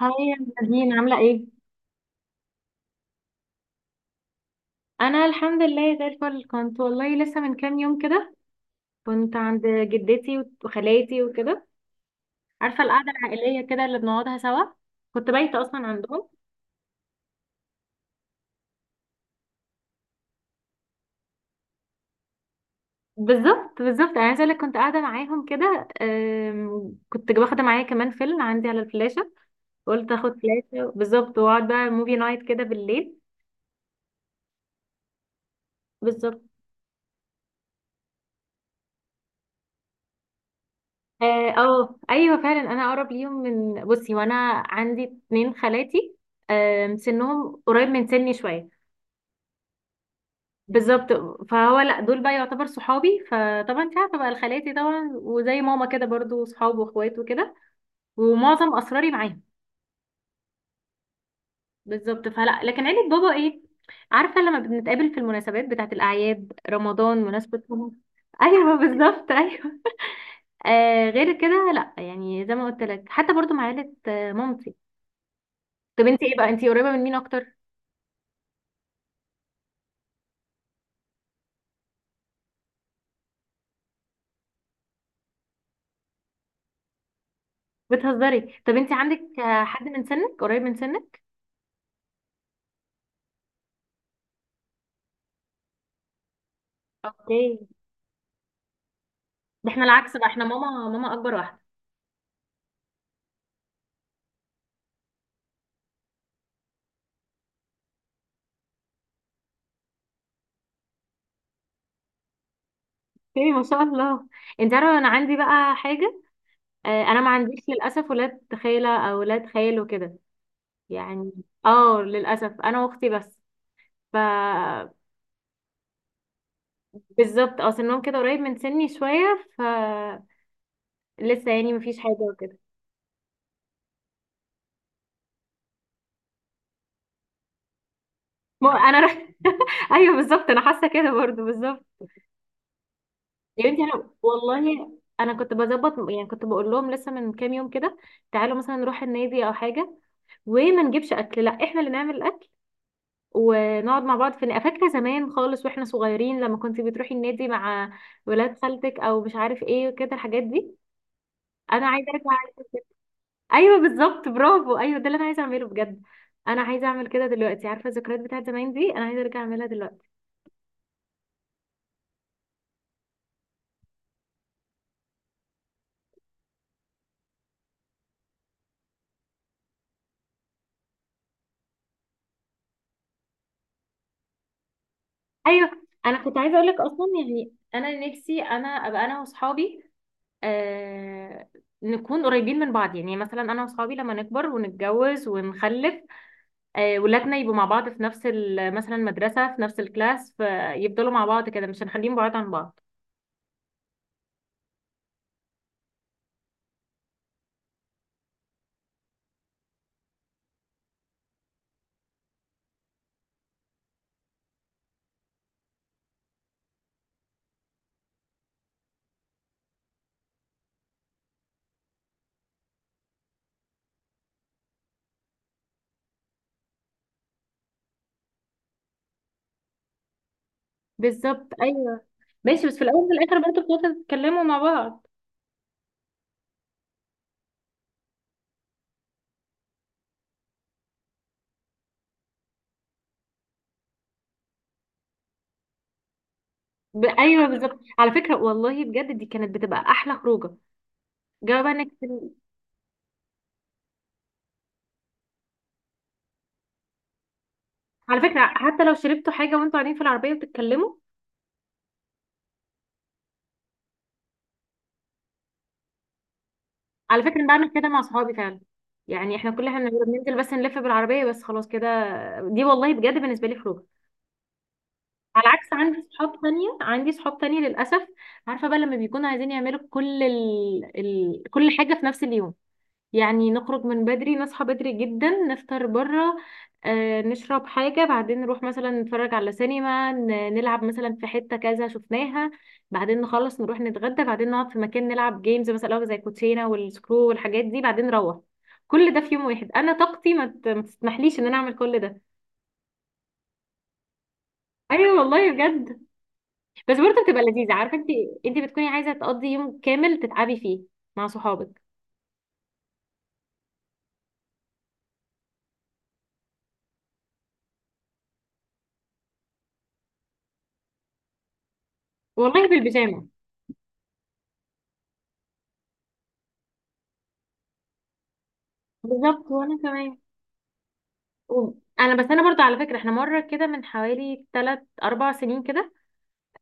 هاي يا نادين، عاملة ايه؟ أنا الحمد لله زي الفل. كنت والله لسه من كام يوم كده كنت عند جدتي وخالاتي وكده. عارفة القعدة العائلية كده اللي بنقعدها سوا، كنت بايتة أصلا عندهم. بالظبط بالظبط، أنا عايزة أقولك كنت قاعدة معاهم كده، كنت واخدة معايا كمان فيلم عندي على الفلاشة. قلت أخد فلاشة بالظبط وأقعد بقى موفي نايت كده بالليل. بالظبط. اه. ايوه فعلا انا اقرب ليهم من، بصي وانا عندي اتنين خالاتي. سنهم قريب من سني شوية. بالظبط، فهو لا دول بقى يعتبر صحابي، فطبعا انت عارفه بقى الخالاتي طبعا وزي ماما كده برضو صحاب واخوات وكده، ومعظم اسراري معاهم. بالظبط، فلا لكن عيله بابا ايه، عارفه لما بنتقابل في المناسبات بتاعه الاعياد، رمضان، مناسبه رمضان. ايوه بالظبط ايوه. آه غير كده لا، يعني زي ما قلت لك حتى برضو مع عيله مامتي. طب انت ايه بقى، انت قريبه من مين اكتر؟ بتهزري. طب انت عندك حد من سنك قريب من سنك؟ اوكي، ده احنا العكس بقى، احنا ماما ماما اكبر واحده. ايه ما شاء الله. انت عارفه انا عندي بقى حاجه، انا ما عنديش للاسف ولاد خاله او ولاد خال وكده يعني. اه للاسف، انا واختي بس. ف بالظبط، اه سنهم كده قريب من سني شويه، لسه يعني مفيش حاجه وكده. ما انا ر... ايوه بالظبط، انا حاسه كده برضو بالظبط. يا بنتي انا والله، انا كنت بظبط، يعني كنت بقول لهم لسه من كام يوم كده، تعالوا مثلا نروح النادي او حاجه، وما نجيبش اكل، لا احنا اللي نعمل الاكل، ونقعد مع بعض في فاكره زمان خالص واحنا صغيرين لما كنت بتروحي النادي مع ولاد خالتك او مش عارف ايه وكده الحاجات دي، انا عايزه ارجع. ايوه بالظبط برافو ايوه، ده اللي انا عايزه اعمله بجد. انا عايزه اعمل كده دلوقتي، عارفه الذكريات بتاعت زمان دي، انا عايزه ارجع اعملها دلوقتي. ايوه. انا كنت عايزه اقول لك، اصلا يعني انا نفسي انا ابقى انا واصحابي، آه نكون قريبين من بعض، يعني مثلا انا واصحابي لما نكبر ونتجوز ونخلف، ولادنا يبقوا مع بعض في نفس مثلا مدرسة، في نفس الكلاس، فيفضلوا مع بعض كده، مش هنخليهم بعاد عن بعض. بالظبط ايوه. ماشي، بس في الاول وفي الاخر برضه بتقعدوا تتكلموا مع بعض. ايوه بالظبط، على فكرة والله بجد دي كانت بتبقى احلى خروجة، جواب انك، على فكرة حتى لو شربتوا حاجة وانتوا قاعدين في العربية وبتتكلموا. على فكرة أنا بعمل كده مع صحابي فعلا، يعني احنا كل احنا بننزل بس نلف بالعربية بس خلاص كده. دي والله بجد بالنسبة لي خروجة. على عكس عندي صحاب تانية، عندي صحاب تانية للأسف، عارفة بقى لما بيكونوا عايزين يعملوا كل كل حاجة في نفس اليوم، يعني نخرج من بدري، نصحى بدري جدا، نفطر بره، آه نشرب حاجة، بعدين نروح مثلا نتفرج على سينما، نلعب مثلا في حتة كذا شفناها، بعدين نخلص نروح نتغدى، بعدين نقعد في مكان نلعب جيمز مثلا زي كوتشينة والسكرو والحاجات دي، بعدين نروح. كل ده في يوم واحد، انا طاقتي ما تسمحليش ان انا اعمل كل ده. ايوه والله بجد، بس برضه بتبقى لذيذة، عارفة انت، انت بتكوني عايزة تقضي يوم كامل تتعبي فيه مع صحابك. والله بالبيجامة. بالظبط وانا كمان. و- انا بس، انا برضه على فكرة، احنا مرة كده من حوالي 3 4 سنين كده،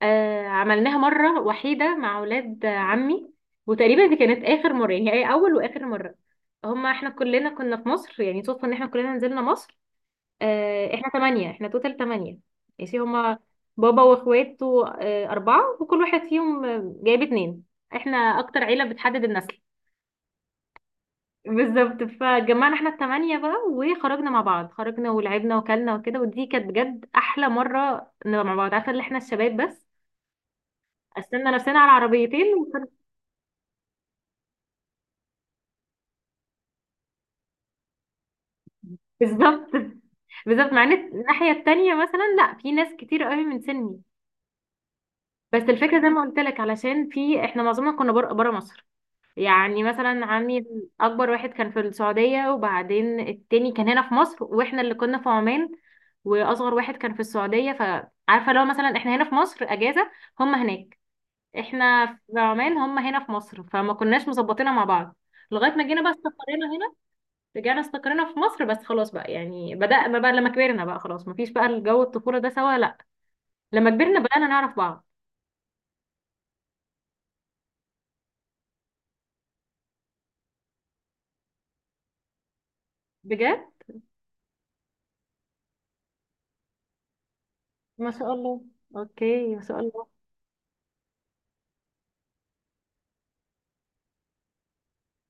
عملناها مرة وحيدة مع اولاد عمي، وتقريبا دي كانت اخر مرة، يعني هي اول واخر مرة. هما احنا كلنا كنا في مصر، يعني صدفة ان احنا كلنا نزلنا مصر، احنا تمانية، احنا توتال تمانية. ماشي. هما بابا واخواته أربعة، وكل واحد فيهم جايب اتنين، احنا أكتر عيلة بتحدد النسل. بالظبط، فجمعنا احنا التمانية بقى وخرجنا مع بعض، خرجنا ولعبنا وكلنا وكده، ودي كانت بجد أحلى مرة نبقى مع بعض، عارفة اللي احنا الشباب بس، قسمنا نفسنا على عربيتين بالظبط بالظبط، مع ان الناحية التانية مثلا لا، في ناس كتير قوي من سني، بس الفكرة زي ما قلت لك علشان في، احنا معظمنا كنا بره بره مصر. يعني مثلا عمي اكبر واحد كان في السعودية، وبعدين التاني كان هنا في مصر، واحنا اللي كنا في عمان، واصغر واحد كان في السعودية، فعارفة لو مثلا احنا هنا في مصر اجازة، هم هناك، احنا في عمان هم هنا في مصر، فما كناش مظبطينها مع بعض، لغاية ما جينا بقى استقرينا هنا. رجعنا استقرينا في مصر بس، خلاص بقى يعني بدأنا بقى لما كبرنا بقى، خلاص مفيش بقى الجو الطفولة ده سوا لا، لما كبرنا بدأنا نعرف بعض. بجد ما شاء الله، اوكي ما شاء الله.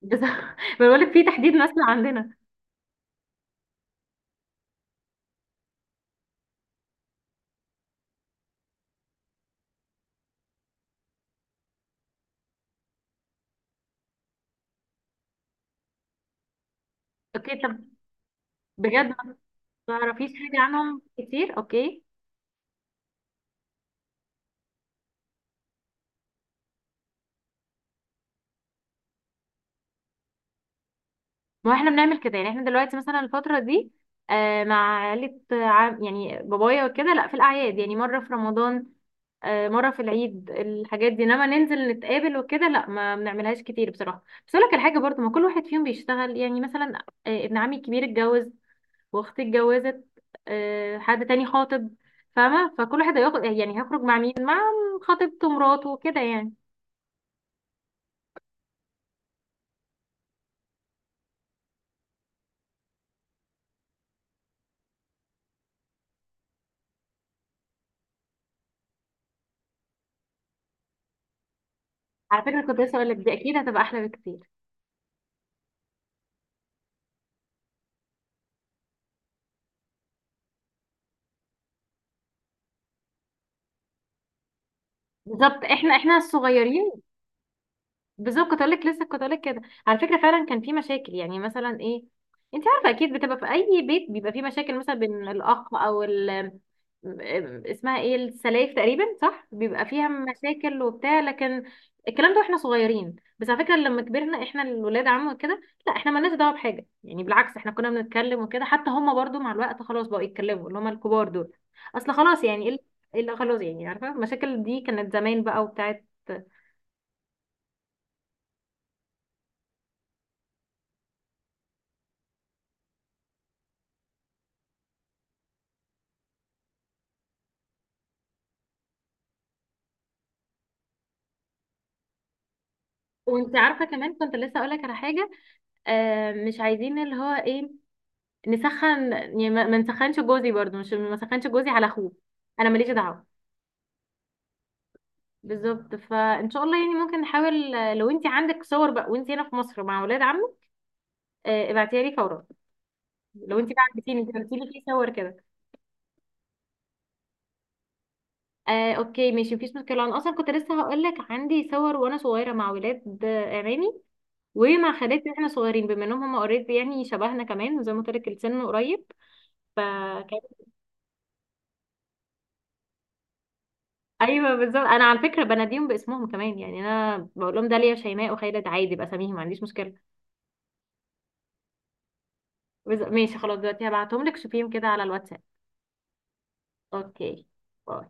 بس بقولك في تحديد مثل عندنا. اوكي طب. بجد ما تعرفيش حاجة عنهم كتير، اوكي. ما احنا بنعمل كده يعني، احنا دلوقتي مثلا الفترة دي آه مع عيلة عم يعني بابايا وكده، لا في الأعياد، يعني مرة في رمضان آه، مرة في العيد، الحاجات دي، انما ننزل نتقابل وكده لا ما بنعملهاش كتير بصراحة. بس اقول لك الحاجة برضو، ما كل واحد فيهم بيشتغل يعني، مثلا ابن عمي الكبير اتجوز، واختي اتجوزت، حد تاني خاطب، فاهمة، فكل واحد هياخد يعني هيخرج مع مين، مع خطيبته، مراته وكده يعني. على فكرة كنت لسه اقول لك، دي اكيد هتبقى احلى بكتير. بالظبط، احنا الصغيرين. بالظبط كنت لك لسه كنت لك كده، على فكره فعلا كان في مشاكل، يعني مثلا ايه، انت عارفه اكيد بتبقى في اي بيت بيبقى في مشاكل، مثلا بين الاخ او اسمها ايه السلايف تقريبا صح، بيبقى فيها مشاكل وبتاع، لكن الكلام ده واحنا صغيرين، بس على فكره لما كبرنا احنا الولاد عم وكده، لا احنا مالناش دعوه بحاجه، يعني بالعكس احنا كنا بنتكلم وكده، حتى هم برضو مع الوقت خلاص بقوا يتكلموا، اللي هم الكبار دول، اصل خلاص يعني ايه، اللي خلاص يعني، عارفه المشاكل دي كانت زمان بقى وبتاعت. وانت عارفه كمان كنت لسه اقول لك على حاجه، مش عايزين اللي هو ايه، نسخن يعني ما نسخنش جوزي برضو، مش ما نسخنش جوزي على اخوه، انا ماليش دعوه. بالظبط، فان شاء الله يعني ممكن نحاول لو انت عندك صور بقى وانت هنا في مصر مع اولاد عمك، ابعتيها لي فورا، لو انت بقى عندتيني، انت قلتي لي في صور كده. اوكي ماشي، مفيش مشكله، انا اصلا كنت لسه هقول لك عندي صور وانا صغيره مع اولاد عمامي، ومع خالاتي واحنا صغيرين، بما انهم هم اوريدي يعني شبهنا كمان، وزي ما قلت لك السن قريب، ف ايوه بالظبط. انا على فكره بناديهم باسمهم كمان، يعني انا بقول لهم داليا شيماء وخالد عادي، باساميهم ما عنديش مشكله. ماشي خلاص، دلوقتي هبعتهم لك شوفيهم كده على الواتساب. اوكي، باي.